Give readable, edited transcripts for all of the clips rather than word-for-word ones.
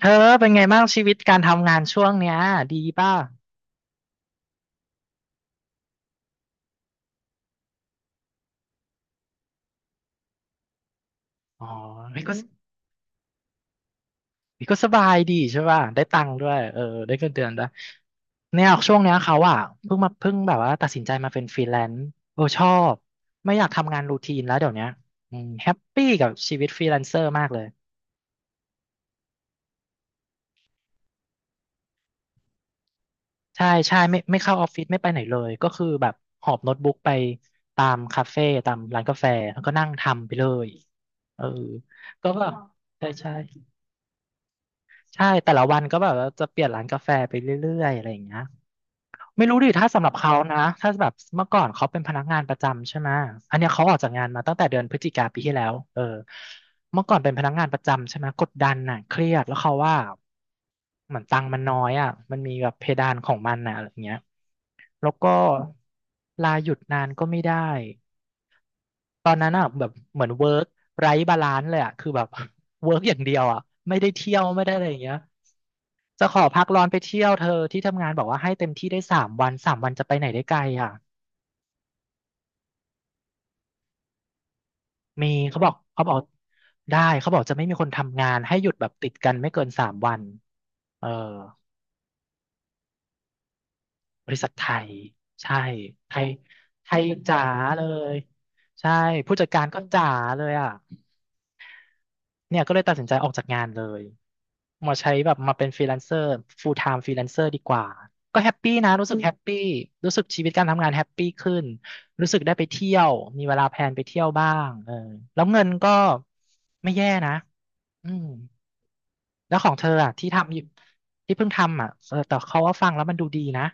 เธอเป็นไงบ้างชีวิตการทำงานช่วงเนี้ยดีป่ะอ๋ออพี่ก็มพี่ก็สบายดีใช่ป่ะได้ตังค์ด้วยเออได้เงินเดือนด้วยเนี่ยช่วงเนี้ยเขาอ่ะเพิ่งแบบว่าตัดสินใจมาเป็นฟรีแลนซ์เออชอบไม่อยากทำงานรูทีนแล้วเดี๋ยวเนี้ยอืมแฮปปี้กับชีวิตฟรีแลนเซอร์มากเลยใช่ใช่ไม่เข้าออฟฟิศไม่ไปไหนเลยก็คือแบบหอบโน้ตบุ๊กไปตามคาเฟ่ตามร้านกาแฟแล้วก็นั่งทำไปเลยเออก็แบบใช่ใช่ ใช่แต่ละวันก็แบบว่าจะเปลี่ยนร้านกาแฟไปเรื่อยๆอะไรอย่างเงี้ยไม่รู้ดิถ้าสำหรับเขานะถ้าแบบเมื่อก่อนเขาเป็นพนักงานประจำใช่ไหมอันเนี้ยเขาออกจากงานมาตั้งแต่เดือนพฤศจิกาปีที่แล้วเออเมื่อก่อนเป็นพนักงานประจำใช่ไหมกดดันน่ะเครียดแล้วเขาว่าเหมือนตังค์มันน้อยอ่ะมันมีแบบเพดานของมันน่ะอะไรอย่างเงี้ยแล้วก็ลาหยุดนานก็ไม่ได้ตอนนั้นอ่ะแบบเหมือนเวิร์กไร้บาลานซ์เลยอ่ะคือแบบ เวิร์กอย่างเดียวอ่ะไม่ได้เที่ยวไม่ได้อะไรอย่างเงี้ย จะขอพักร้อนไปเที่ยวเธอที่ทำงานบอกว่าให้เต็มที่ได้สามวันสามวันจะไปไหนได้ไกลอ่ะมีเขาบอกได้เขาบอกจะไม่มีคนทำงานให้หยุดแบบติดกันไม่เกินสามวันเออบริษัทไทยใช่ไทยไทยจ๋าเลยใช่ผู้จัดการก็จ๋าเลยอ่ะ เนี่ยก็เลยตัดสินใจออกจากงานเลยมาใช้แบบมาเป็นฟรีแลนเซอร์ full time ฟรีแลนเซอร์ดีกว่าก็แฮปปี้นะรู้สึกแฮปปี้รู้สึกชีวิตการทำงานแฮปปี้ขึ้นรู้สึกได้ไปเที่ยวมีเวลาแพลนไปเที่ยวบ้างเออแล้วเงินก็ไม่แย่นะอืมแล้วของเธออ่ะที่ทำอยู่ที่เพิ่งทำอ่ะเออแต่เขาว่าฟังแล้วมันดูดีนะ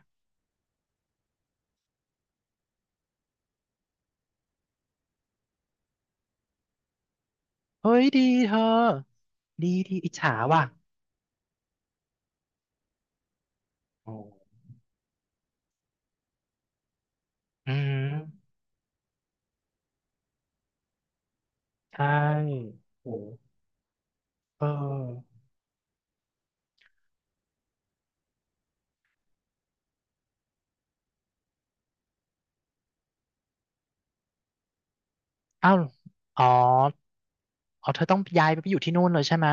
เฮ้ยดีเธอดีดีอิจฉาว่ะอ๋ออืมใช่โอ้เอออ้าวอ๋อ อ๋อเธอต้องย้ายไปอยู่ที่นู่นเลยใช่ไหม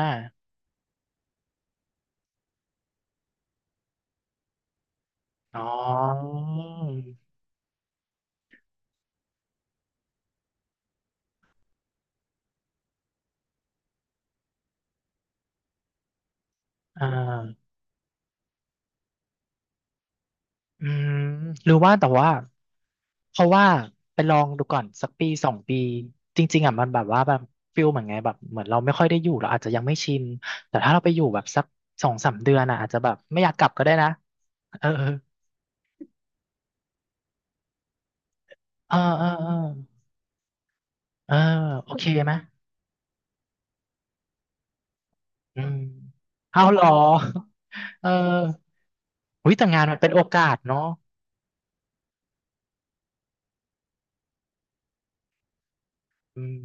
อ๋ออ่าอืมหรือว่าแต่ว่าเพราะว่าไปลองดูก่อนสักปีสองปีจริงๆอ่ะมันแบบว่าแบบฟิลเหมือนไงแบบเหมือนเราไม่ค่อยได้อยู่เราอาจจะยังไม่ชินแต่ถ้าเราไปอยู่แบบสักสองสามเดือนอ่ะอาจจะแบบไม่อยากกลับก็ได้นะเออเออเออเออเออโอเคไหมอืมเอาเหรอเออหุ้ยแต่งานมันเป็นโอกาสเนาะอืม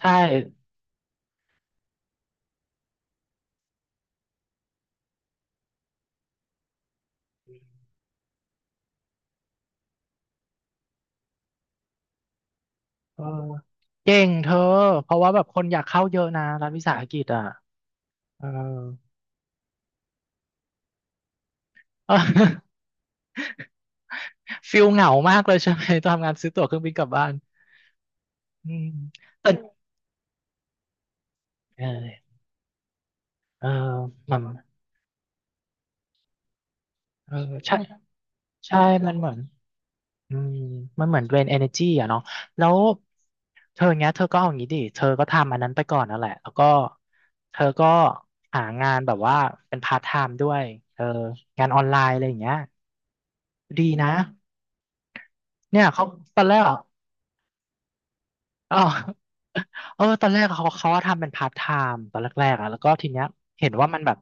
ใช่ เออเก่งเธอเพราะว่าแบบคนอยากเข้าเยอะนะรัฐวิสาหกิจอ่ะเออ เออ ฟิลเหงามากเลยใช่ไหมตอนทำงานซื้อตั๋วเครื่องบินกลับบ้านอืมแต่เออเออมันเออใช่ใช่มันเหมือนอืมมันเหมือนเดรน energy อ่ะเนาะแล้วเธออย่างเงี้ยเธอก็เอาอย่างงี้ดิเธอก็ทำอันนั้นไปก่อนนั่นแหละแล้วก็เธอก็หางานแบบว่าเป็นพาร์ทไทม์ด้วยเอองานออนไลน์อะไรอย่างเงี้ยดีนะเนี่ยเขาตอนแรกอะ อ๋อเออตอนแรกเขาว่าทำเป็นพาร์ทไทม์ตอนแรกๆอ่ะแล้วก็ทีเนี้ยเห็นว่ามันแบบ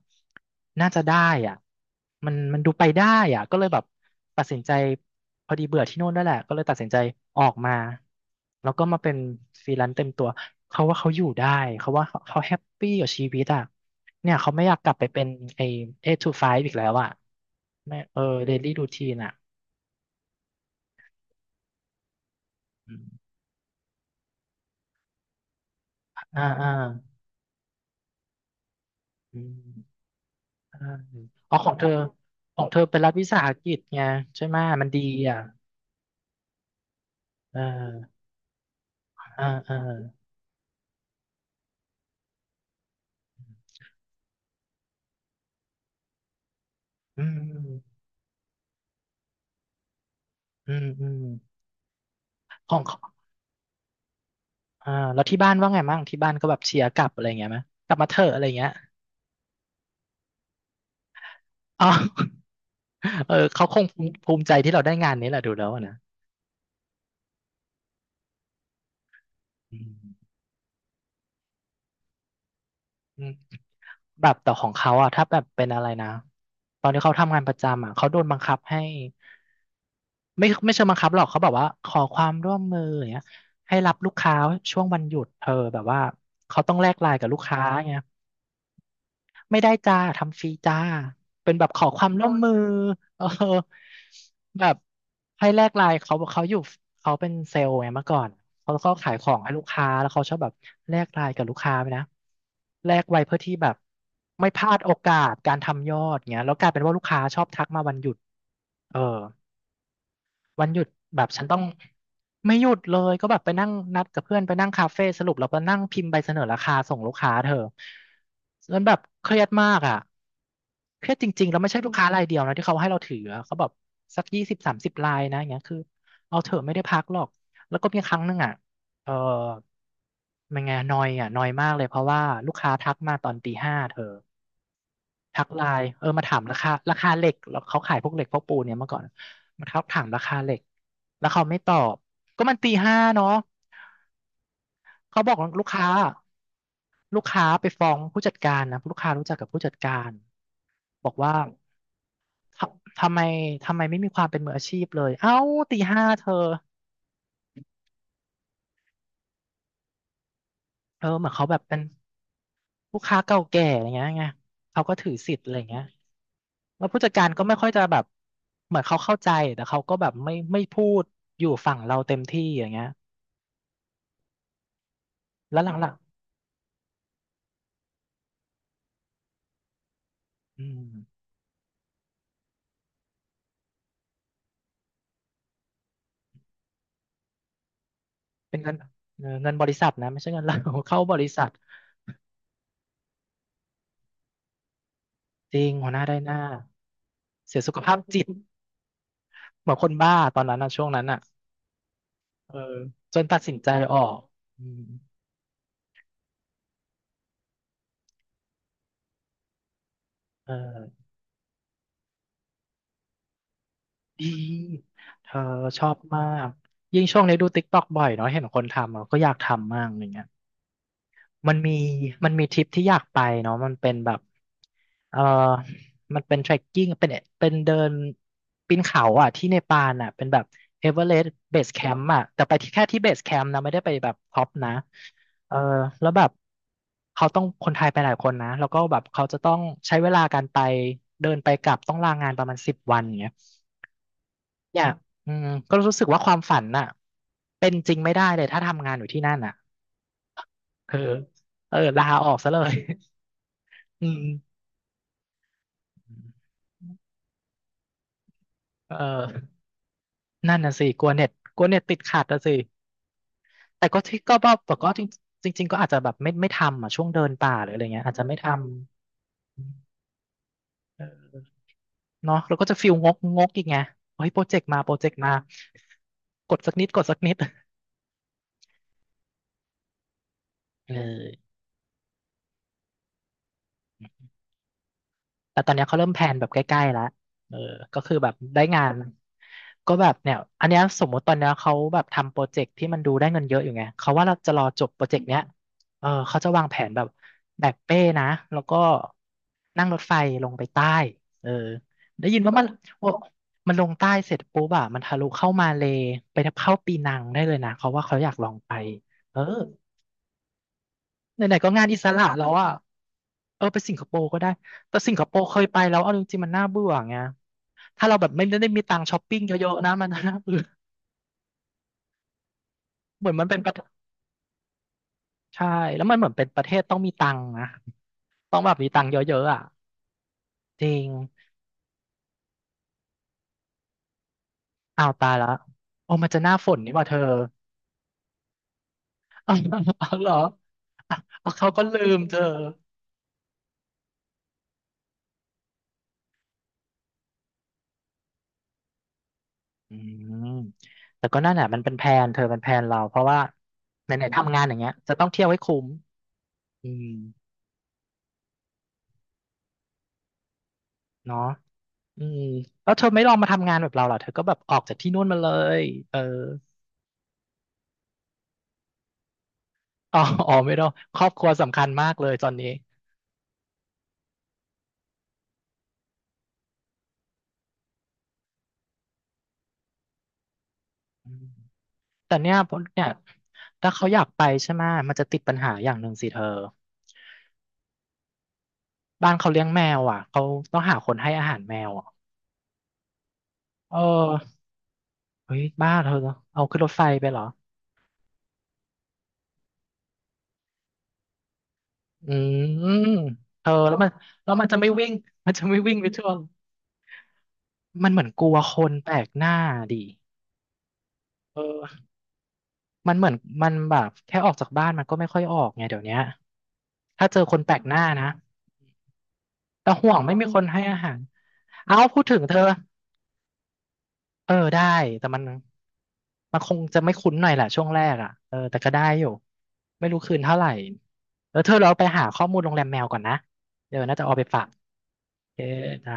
น่าจะได้อ่ะมันมันดูไปได้อ่ะก็เลยแบบ ตัดสินใจพอดีเบื่อที่โน่นด้แหละ ก็เลยตัดสินใจออกมาแล้วก็มาเป็นฟรีแลนซ์เต็มตัว เขาว่าเขาอยู่ได้ เขาว่าเขาแฮปปี้กับชีวิตอ่ะเนี่ยเขาไม่อยากกลับไปเป็นไอ้ eight to five อีกแล้วอ่ะไม่เออ daily routine อ่ะอมอ่าอ่าอืม อ่าอ๋อของเธอของเธอเป็นรัฐวิสาหกิจไงใช่ไหมยมันดีอ่ะเออเออเอออืมอืมอืมของอ่าแล้วที่บ้านว่าไงมั่งที่บ้านก็แบบเชียร์กลับอะไรเงี้ยไหมกลับมาเถอะอะไรเงี้ยอ๋อ เออเขาคงภูมิใจที่เราได้งานนี้แหละดูแล้วอะนะอืม แบบแต่ของเขาอะถ้าแบบเป็นอะไรนะตอนที่เขาทำงานประจำอะเขาโดนบังคับให้ไม่เชิงบังคับหรอกเขาบอกว่าขอความร่วมมืออย่างเงี้ยให้รับลูกค้าช่วงวันหยุดเธอแบบว่าเขาต้องแลกไลน์กับลูกค้าไง ไม่ได้จ้าทำฟรีจ้าเป็นแบบขอความร่วมมือเออแบบให้แลกไลน์เขาอยู่เขาเป็นเซลล์ไงเมื่อก่อนเขาก็ขายของให้ลูกค้าแล้วเขาชอบแบบแลกไลน์กับลูกค้าไปนะแลกไว้เพื่อที่แบบไม่พลาดโอกาสการทำยอดเงี้ยแล้วกลายเป็นว่าลูกค้าชอบทักมาวันหยุดเออ วันหยุดแบบฉันต้องไม่หยุดเลยก็แบบไปนั่งนัดกับเพื่อนไปนั่งคาเฟ่สรุปเราไปนั่งพิมพ์ใบเสนอราคาส่งลูกค้าเธอจนแบบเครียดมากอ่ะเครียดจริงๆแล้วไม่ใช่ลูกค้ารายเดียวนะที่เขาให้เราถืออะเขาแบบสัก20-30 รายนะอย่างเงี้ยคือเอาเถอะไม่ได้พักหรอกแล้วก็มีครั้งหนึ่งอ่ะเออมันไงนอยอ่ะนอยมากเลยเพราะว่าลูกค้าทักมาตอนตีห้าเธอ ทักไลน์เออมาถามราคาเหล็กแล้วเขาขายพวกเหล็กพวกปูนเนี่ยเมื่อก่อนมาทักถามราคาเหล็กแล้วเขาไม่ตอบก็มันตีห้าเนาะเขาบอกลูกค้าลูกค้าไปฟ้องผู้จัดการนะลูกค้ารู้จักกับผู้จัดการบอกว่าทำไมทำไมไม่มีความเป็นมืออาชีพเลยเอ้าตีห้าเธอเออเหมือนเขาแบบเป็นลูกค้าเก่าแก่อย่างเงี้ยไงเขาก็ถือสิทธิ์อะไรอย่างเงี้ยแล้วผู้จัดการก็ไม่ค่อยจะแบบเหมือนเขาเข้าใจแต่เขาก็แบบไม่พูดอยู่ฝั่งเราเต็มที่อย่างเงี้ย แล้วหลังๆเป็นเงินเออเงินบริษัทนะ ไม่ใช่เงิน เรา เข้าบริษัทจริงหัวหน้าได้หน้า เสียสุขภาพจิตเหมือนคนบ้าตอนนั้นนะช่วงนั้นอ่ะเออจนตัดสินใจออกอืมเออดีเธอชอบมากยิ่งช่วงนี้ดูติ๊กต็อกบ่อยเนาะเห็นคนทำเราก็อยากทำมากอย่างเงี้ย มันมีมันมีทริปที่อยากไปเนาะมันเป็นแบบเออมันเป็น trekking เป็นเดินปีนเขาอ่ะที่เนปาลอ่ะเป็นแบบเอเวอเรสต์เบสแคมป์อ่ะแต่ไปที่แค่ที่เบสแคมป์นะไม่ได้ไปแบบท็อปนะเออแล้วแบบเขาต้องคนไทยไปหลายคนนะแล้วก็แบบเขาจะต้องใช้เวลาการไปเดินไปกลับต้องลางานประมาณ10 วันอย่างเงี้ยเนี่ยอืมก็รู้สึกว่าความฝันน่ะเป็นจริงไม่ได้เลยถ้าทำงานอยู่ที่นั่นน่ะคือเออลาออกซะเลย อืมเออนั่นน่ะสิกลัวเน็ตกลัวเน็ตติดขัดน่ะสิแต่ก็ที่ก็บอกแต่ก็จริงจริงๆก็อาจจะแบบไม่ทำอ่ะช่วงเดินป่าหรืออะไรเงี้ยอาจจะไม่ทำเออเนาะเราก็จะฟิลงกงกอีกไงเฮ้ยโปรเจกต์มาโปรเจกต์มากดสักนิดกดสักนิดเออ แต่ตอนเนี้ยเขาเริ่มแพลนแบบใกล้ๆแล้วเออก็คือแบบได้งานก็แบบเนี่ยอันเนี้ยสมมติตอนเนี้ยเขาแบบทำโปรเจกต์ที่มันดูได้เงินเยอะอยู่ไงเขาว่าเราจะรอจบโปรเจกต์เนี้ยเออเขาจะวางแผนแบบแบกเป้นะแล้วก็นั่งรถไฟลงไปใต้เออได้ยินว่ามันโอ้มันลงใต้เสร็จปุ๊บอะมันทะลุเข้ามาเลย์ไปเข้าปีนังได้เลยนะเขาว่าเขาอยากลองไปเออ ไหนๆก็งานอิสระแล้วอ่ะเออไปสิงคโปร์ก็ได้ แต่สิงคโปร์เคยไปแล้วเอาจริงๆมันน่าเบื่อไงถ้าเราแบบไม่ได้มีตังค์ช้อปปิ้งเยอะๆนะมันน่าเบื่อเหมือนมันเป็นประเทศใช่ แล้วมันเหมือนเป็นประเทศต้องมีตังค์นะต้องแบบมีตังค์เยอะๆอ่ะจริงอ้าวตายละโอ้มันจะหน้าฝนนี่หว่าเธอ เอาเอาเหรออ่ะเอาเขาก็ลืมเธออืมแต่ก็นั่นแหละมันเป็นแพลนเธอเป็นแพลนเราเพราะว่าไหนๆทำงานอย่างเงี้ยจะต้องเที่ยวให้คุ้มอืมเนาะ อืมแล้วเธอไม่ลองมาทำงานแบบเราเหรอเธอก็แบบออกจากที่นู่นมาเลยเออ อ๋ออ๋อไม่ต้องครอบครัวสำคัญมากเลยตอนนี้อืมแต่เนี่ยผมเนี่ยถ้าเขาอยากไปใช่ไหมยมันจะติดปัญหาอย่างหนึ่งสิเธอบ้านเขาเลี้ยงแมวอ่ะเขาต้องหาคนให้อาหารแมวอ่ะเออเฮ้ยบ้าเธอเอาขึ้นรถไฟไปเหรออืมเธอแล้วมันจะไม่วิ่งมันจะไม่วิ่งไปทั่วมันเหมือนกลัวคนแปลกหน้าดิเออ มันเหมือนมันแบบแค่ออกจากบ้านมันก็ไม่ค่อยออกไงเดี๋ยวเนี้ยถ้าเจอคนแปลกหน้านะแต่ห่วงไม่มีคนให้อาหารเอาพูดถึงเธอเออได้แต่มันมันคงจะไม่คุ้นหน่อยแหละช่วงแรกอ่ะเออแต่ก็ได้อยู่ไม่รู้คืนเท่าไหร่แล้วเธอเราไปหาข้อมูลโรงแรมแมวก่อนนะเดี๋ยวน่าจะเอาไปฝากโอเคจ้า